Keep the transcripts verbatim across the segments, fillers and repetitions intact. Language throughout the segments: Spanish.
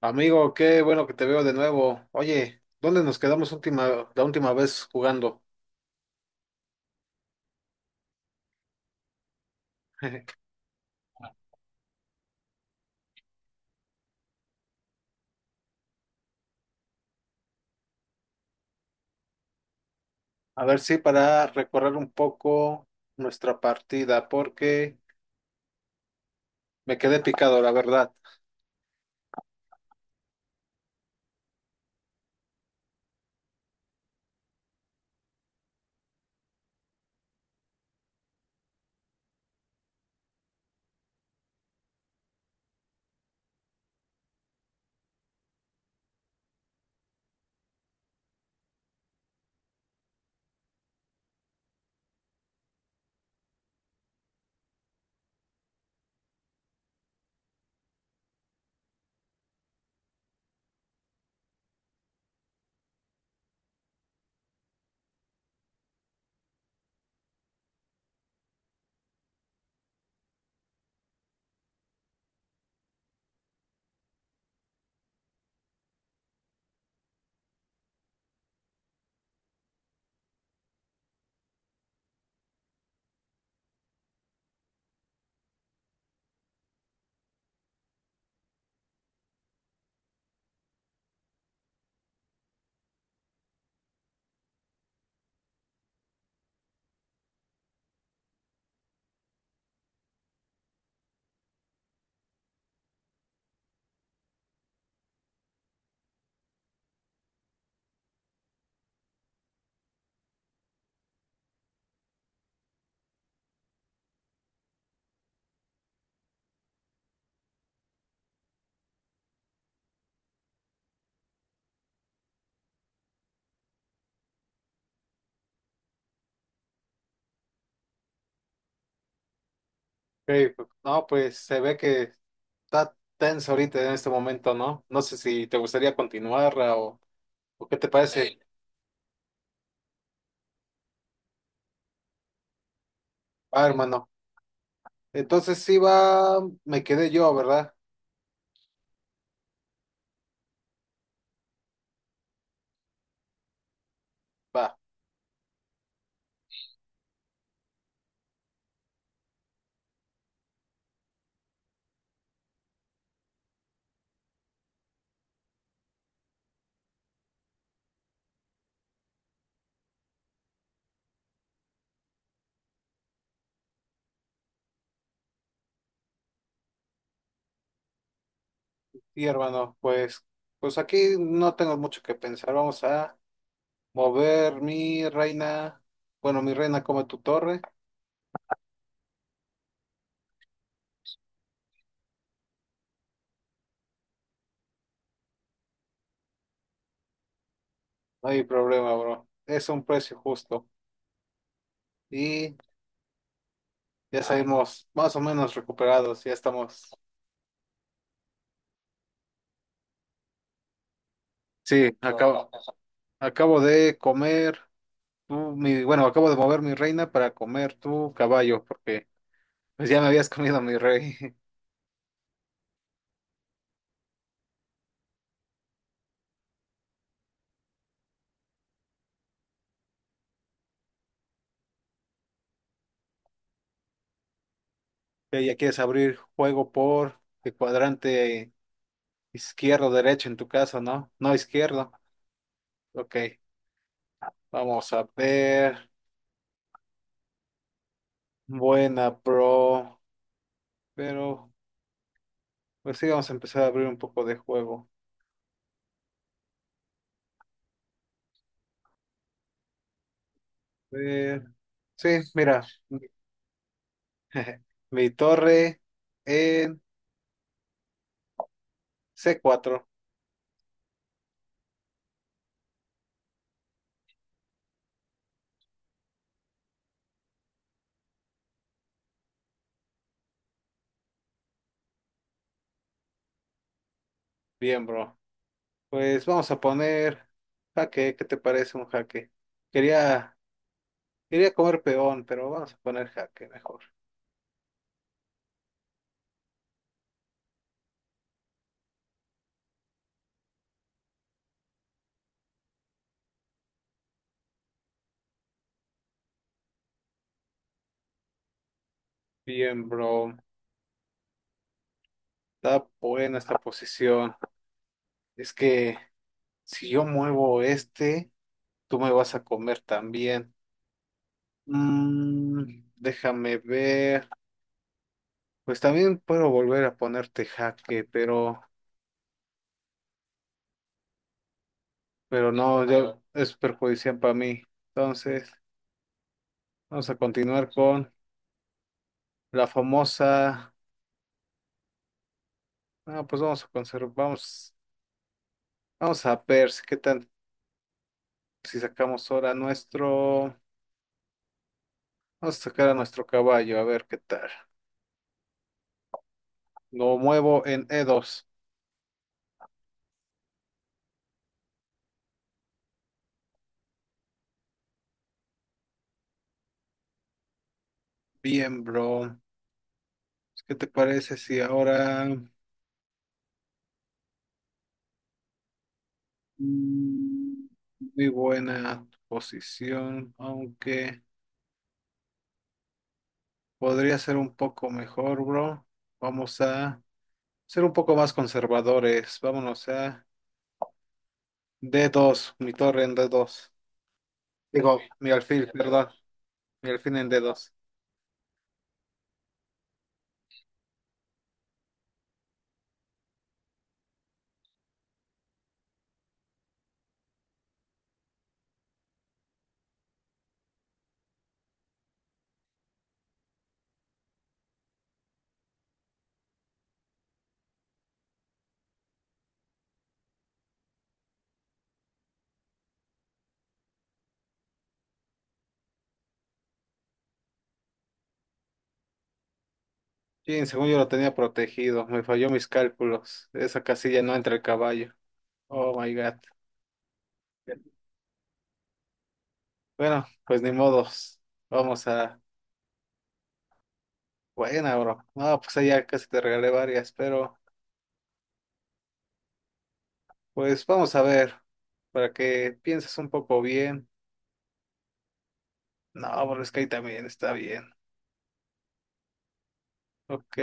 Amigo, qué bueno que te veo de nuevo. Oye, ¿dónde nos quedamos última, la última vez jugando? A ver si para recorrer un poco nuestra partida, porque me quedé picado, la verdad. Ok, pues, no, pues se ve que está tenso ahorita en este momento, ¿no? No sé si te gustaría continuar Ra, o, o qué te parece. Sí. Va, hermano. Entonces sí va, me quedé yo, ¿verdad? Va. Sí, hermano, pues, pues aquí no tengo mucho que pensar. Vamos a mover mi reina, bueno, mi reina come tu torre, no hay problema, bro. Es un precio justo y ya salimos más o menos recuperados, ya estamos. Sí, acabo, acabo de comer tu, mi, bueno, acabo de mover mi reina para comer tu caballo, porque pues ya me habías comido mi rey. Ya ya quieres abrir juego por el cuadrante izquierdo, derecho en tu caso, ¿no? No izquierdo. Ok, vamos a ver. Buena, bro. Pero pues sí, vamos a empezar a abrir un poco de juego. Eh, sí, mira, mi torre en c cuatro. Bien, bro. Pues vamos a poner jaque. ¿Qué te parece un jaque? Quería, quería comer peón, pero vamos a poner jaque mejor. Bien, bro. Está buena esta posición. Es que si yo muevo este, tú me vas a comer también. Mm, déjame ver. Pues también puedo volver a ponerte jaque, pero, pero no, ya es perjudicial para mí. Entonces, vamos a continuar con la famosa. Ah, pues vamos a conservar, vamos, vamos a ver si qué tal si sacamos ahora nuestro. Vamos a sacar a nuestro caballo, a ver qué tal. Lo muevo en e dos. Bien, bro. ¿Qué te parece si ahora mm, muy buena posición, aunque podría ser un poco mejor, bro. Vamos a ser un poco más conservadores. Vámonos a d dos. Mi torre en d dos. Digo, mi alfil, perdón. Mi alfil en d dos. Sí, según yo lo tenía protegido. Me falló mis cálculos. Esa casilla no entra el caballo. Oh my God. Bueno, pues ni modos. Vamos a. Buena, bro. No, pues allá casi te regalé varias, pero pues vamos a ver. Para que pienses un poco bien. No, bro, es que ahí también está bien. Ok.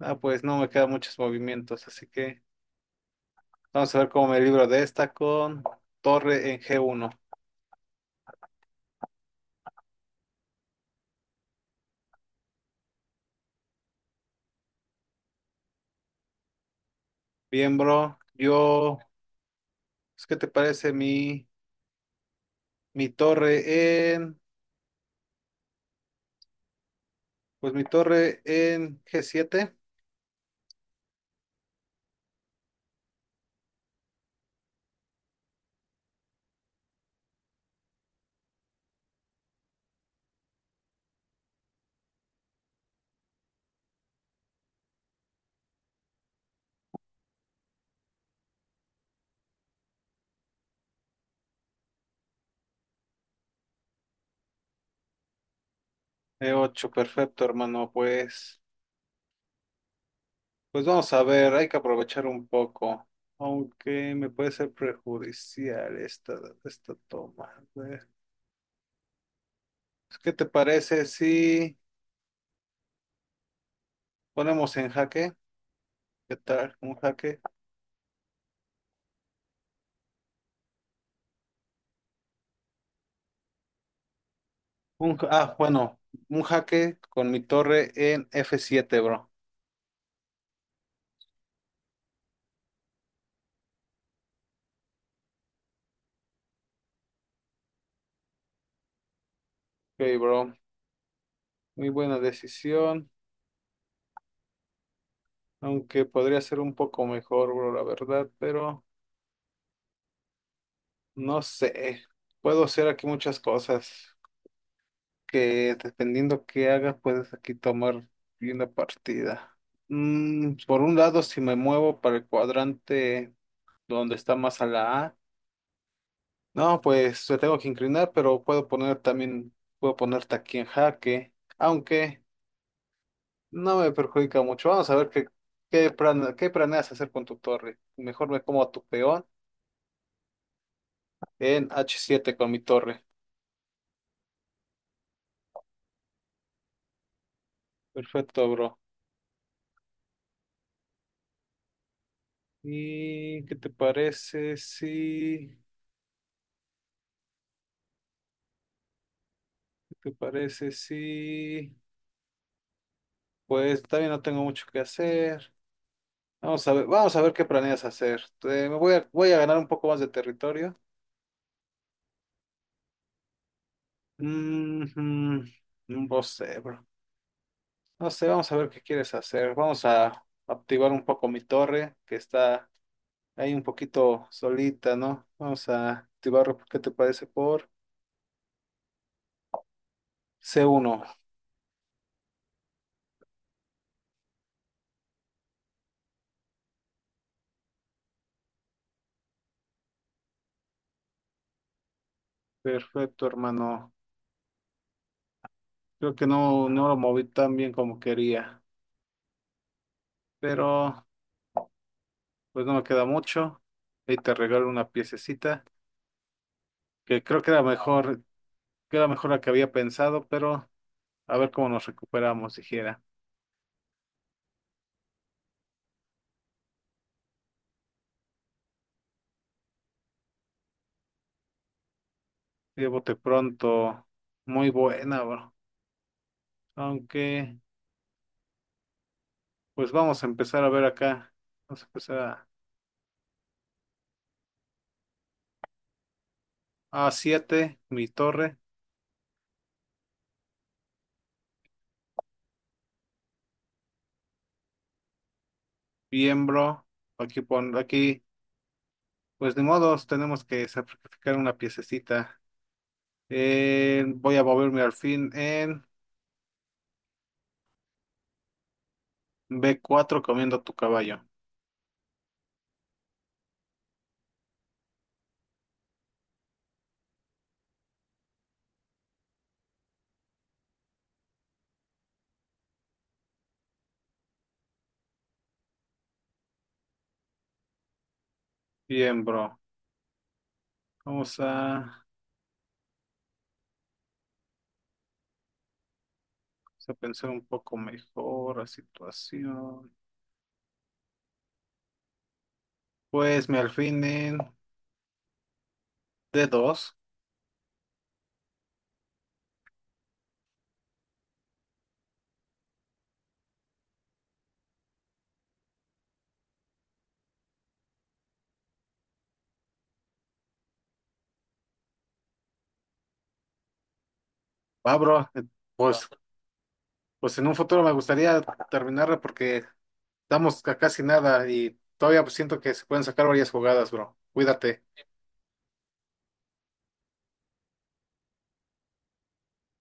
Ah, pues no me quedan muchos movimientos, así que vamos a ver cómo me libro de esta con torre en g uno. Bien, bro. Yo, pues, ¿qué te parece mi, mi torre en, pues mi torre en g siete. E ocho perfecto, hermano. Pues, pues vamos a ver, hay que aprovechar un poco, aunque me puede ser prejudicial esta, esta toma. A ver, pues, ¿qué te parece si ponemos en jaque? ¿Qué tal? Un jaque. Un- ja, ah, bueno, un jaque con mi torre en F siete, bro. Ok, bro. Muy buena decisión, aunque podría ser un poco mejor, bro, la verdad, pero no sé. Puedo hacer aquí muchas cosas que dependiendo qué haga, puedes aquí tomar una partida. Mm, por un lado, si me muevo para el cuadrante donde está más a la A, no, pues me tengo que inclinar, pero puedo poner también, puedo ponerte aquí en jaque, aunque... No me perjudica mucho. Vamos a ver qué, qué, plan- qué planeas hacer con tu torre. Mejor me como a tu peón en H siete con mi torre. Perfecto, bro. ¿Y qué te parece si... ¿Qué te parece si... Pues también no tengo mucho que hacer. Vamos a ver, vamos a ver qué planeas hacer. Te- me voy a, voy a ganar un poco más de territorio. Mm, mm, no sé, bro. No sé, vamos a ver qué quieres hacer. Vamos a activar un poco mi torre que está... ahí un poquito solita, ¿no? Vamos a activarlo, ¿qué te parece? Por C uno. Perfecto, hermano. Creo que no, no lo moví tan bien como quería, pero pues no me queda mucho. Ahí te regalo una piececita, que creo que era mejor, que era mejor la que había pensado, pero a ver cómo nos recuperamos, dijera. Llévote pronto. Muy buena, bro. Aunque, pues vamos a empezar a ver acá. Vamos a empezar a A7, mi torre. Bien, bro. Aquí pon, aquí, pues de modos, tenemos que sacrificar una piececita. Eh, voy a moverme al fin en b cuatro comiendo tu caballo. Bien, bro. Vamos a, vamos a pensar un poco mejor la situación. Pues me alfil en d dos. Va, bro. Eh, Pues, pues en un futuro me gustaría terminarla porque estamos a casi nada y todavía siento que se pueden sacar varias jugadas, bro. Cuídate.